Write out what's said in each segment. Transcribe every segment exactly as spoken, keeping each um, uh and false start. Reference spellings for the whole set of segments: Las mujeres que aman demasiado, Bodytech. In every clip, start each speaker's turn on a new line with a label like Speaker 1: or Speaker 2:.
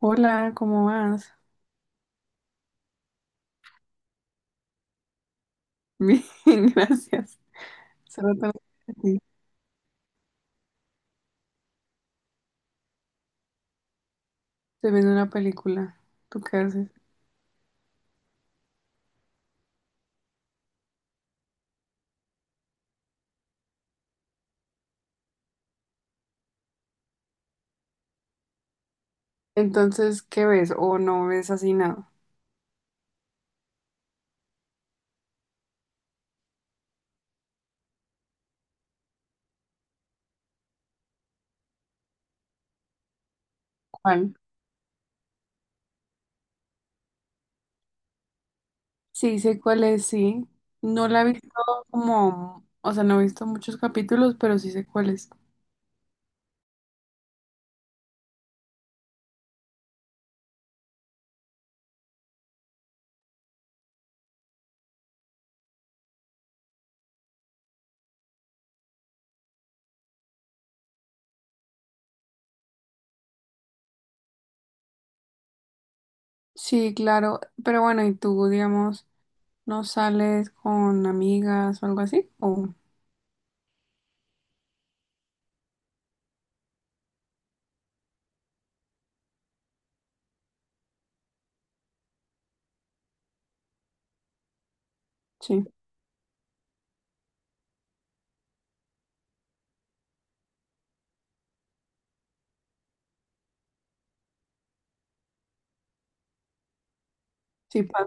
Speaker 1: Hola, ¿cómo vas? Bien, gracias. Se trata de ti. Estoy viendo una película. ¿Tú qué haces? Entonces, ¿qué ves? ¿O no ves así nada? ¿Cuál? Sí, sé cuál es, sí. No la he visto como, o sea, no he visto muchos capítulos, pero sí sé cuál es. Sí, claro. Pero bueno, ¿y tú, digamos, no sales con amigas o algo así? ¿O sí? Sí, pa-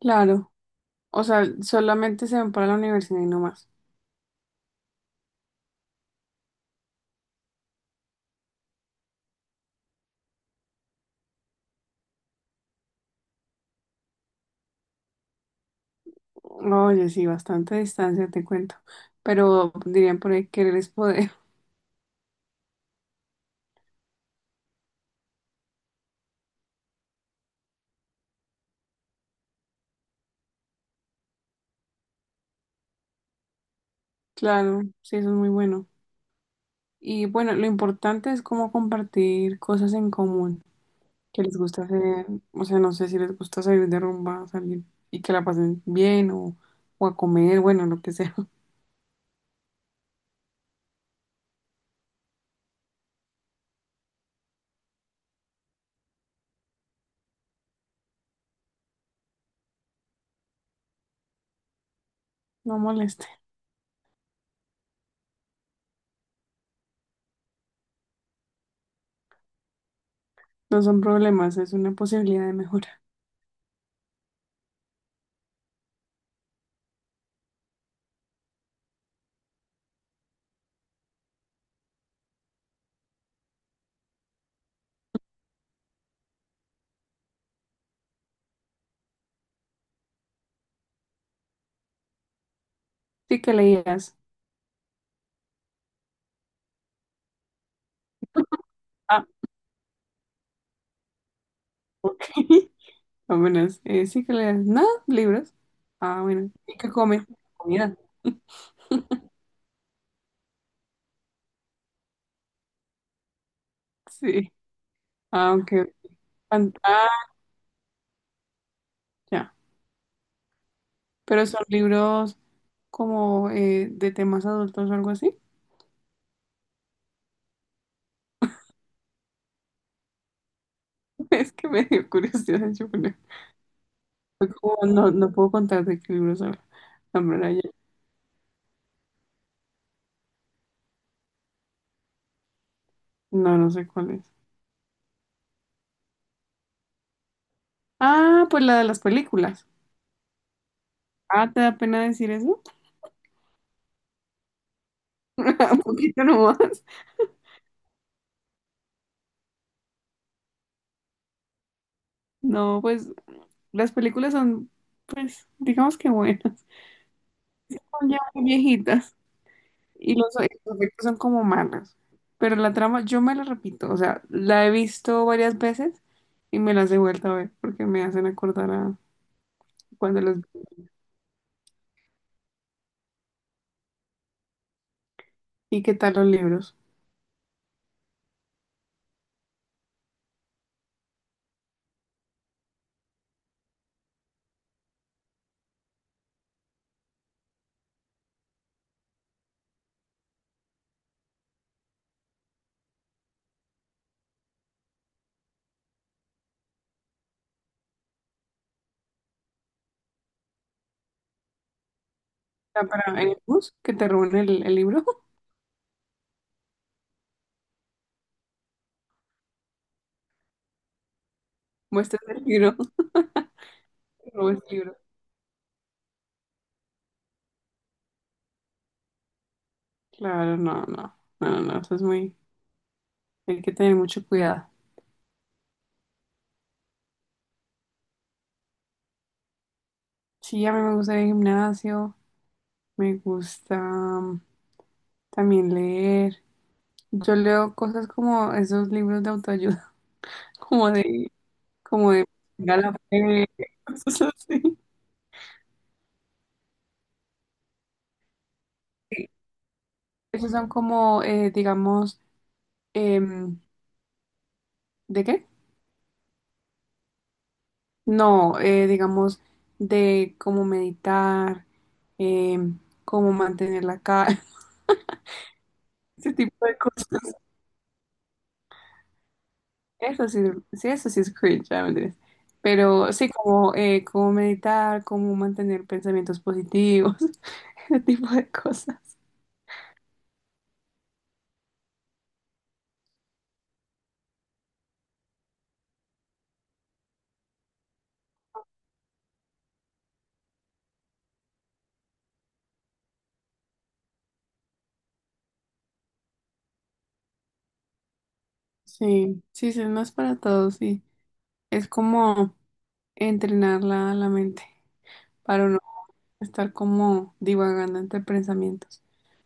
Speaker 1: claro. O sea, solamente se van para la universidad y no más. No, oye, sí, bastante distancia, te cuento. Pero dirían por ahí, querer es poder. Claro, sí, eso es muy bueno. Y bueno, lo importante es cómo compartir cosas en común, que les gusta hacer, o sea, no sé si les gusta salir de rumba, salir y que la pasen bien o, o a comer, bueno, lo que sea. No moleste, no son problemas, es una posibilidad de mejora. Sí que leías. Ah, apenas. Eh, sí que leías. No, libros. Ah, bueno. ¿Y qué comen? Comida. Sí. Ah, ok, pantalla, pero son libros como eh, de temas adultos o algo así. Es que me dio curiosidad. Yo no, puedo no- no puedo contar de qué libros habla. La verdad, yo... No, no sé cuál es. Ah, pues la de las películas. Ah, ¿te da pena decir eso? Un poquito nomás. No, pues las películas son, pues, digamos que buenas. Son ya muy viejitas. Y los, los efectos son como malos. Pero la trama, yo me la repito, o sea, la he visto varias veces y me las he vuelto a ver porque me hacen acordar a cuando los vi. ¿Y qué tal los libros? Ah, para en el bus, que te roben el, el libro, muestras el libro, te robas el libro. Claro, no, no, no, no, eso es muy, hay que tener mucho cuidado. Sí, a mí me gusta ir al gimnasio, me gusta mm, también leer. Yo leo cosas como esos libros de autoayuda, como de como de mira la fe, cosas así. Sí. Esos son como, eh, digamos, em, ¿de qué? No, eh, digamos, de cómo meditar, em, cómo mantener la cara, ese tipo de cosas. Eso sí, sí, eso sí es cringe, ya mentiras. Pero sí, como eh, cómo meditar, cómo mantener pensamientos positivos, ese tipo de cosas. Sí, sí, sí, no es para todos, sí. Es como entrenar la, la mente para uno estar como divagando entre pensamientos.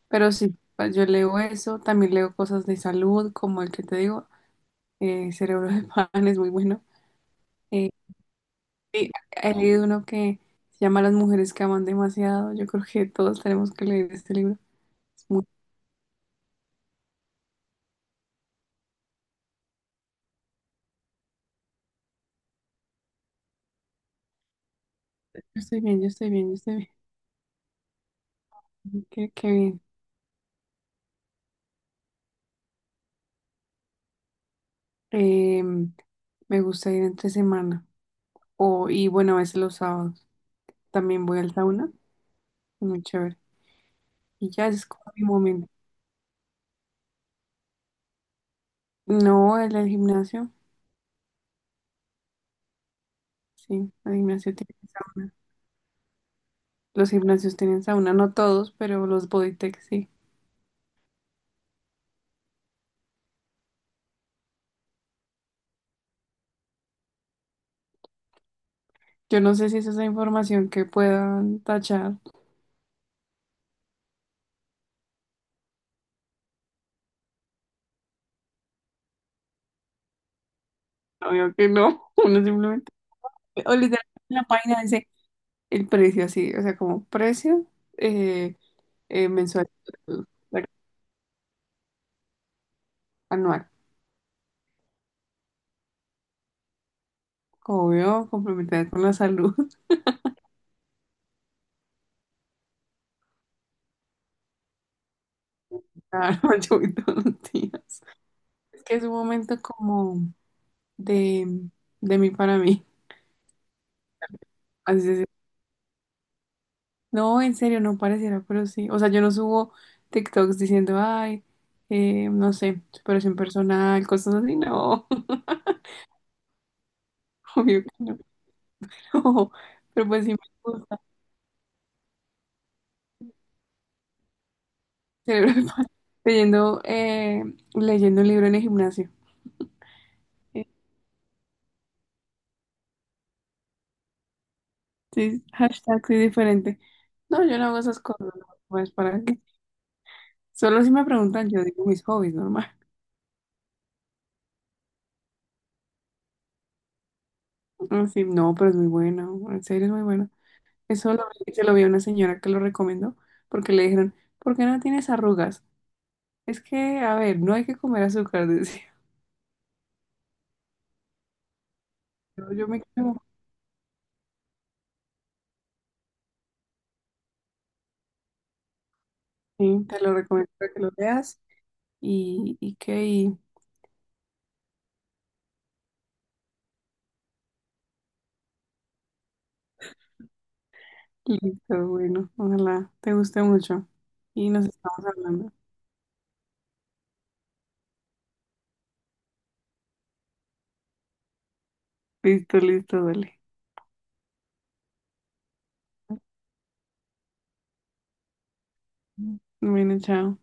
Speaker 1: Pero sí, pues, yo leo eso, también leo cosas de salud, como el que te digo, eh, Cerebro de Pan es muy bueno. Eh, y he leído uno que se llama Las mujeres que aman demasiado. Yo creo que todos tenemos que leer este libro. Es muy- bueno. Yo estoy bien, yo estoy bien, yo estoy bien. Qué, qué bien. Eh, me gusta ir entre semana. O, y bueno, a veces los sábados también voy al sauna. Muy chévere. Y ya ese es como mi momento. No, el del gimnasio. Sí, el gimnasio tiene sauna. Los gimnasios tienen sauna, no todos, pero los Bodytech sí. Yo no sé si es esa información que puedan tachar. Obvio que no, uno simplemente. O literalmente en la página dice el precio así, o sea, como precio eh, eh, mensual, eh, anual. Obvio, complementar con la salud. Claro, yo voy todos los días. Es que es un momento como de, de mí para mí. Así es. No, en serio, no pareciera, pero sí. O sea, yo no subo TikToks diciendo, ay, eh, no sé, superación personal, cosas así. No, obvio que no. Pero pues sí me gusta. Cerebro- de pa- Leyendo, eh, leyendo un libro en el gimnasio. Eh, Sí, hashtag sí diferente. No, yo no hago esas cosas. No, pues para qué. Solo si me preguntan, yo digo mis hobbies, normal. Mm, sí no, pero es muy bueno. En serio, es muy bueno. Eso lo, se lo vi a una señora que lo recomendó porque le dijeron, ¿por qué no tienes arrugas? Es que, a ver, no hay que comer azúcar, decía. Yo, yo me quedo. Sí, te lo recomiendo para que lo veas. Y, y que y listo, bueno, ojalá te guste mucho. Y nos estamos hablando. Listo, listo, dale. Bueno, chao.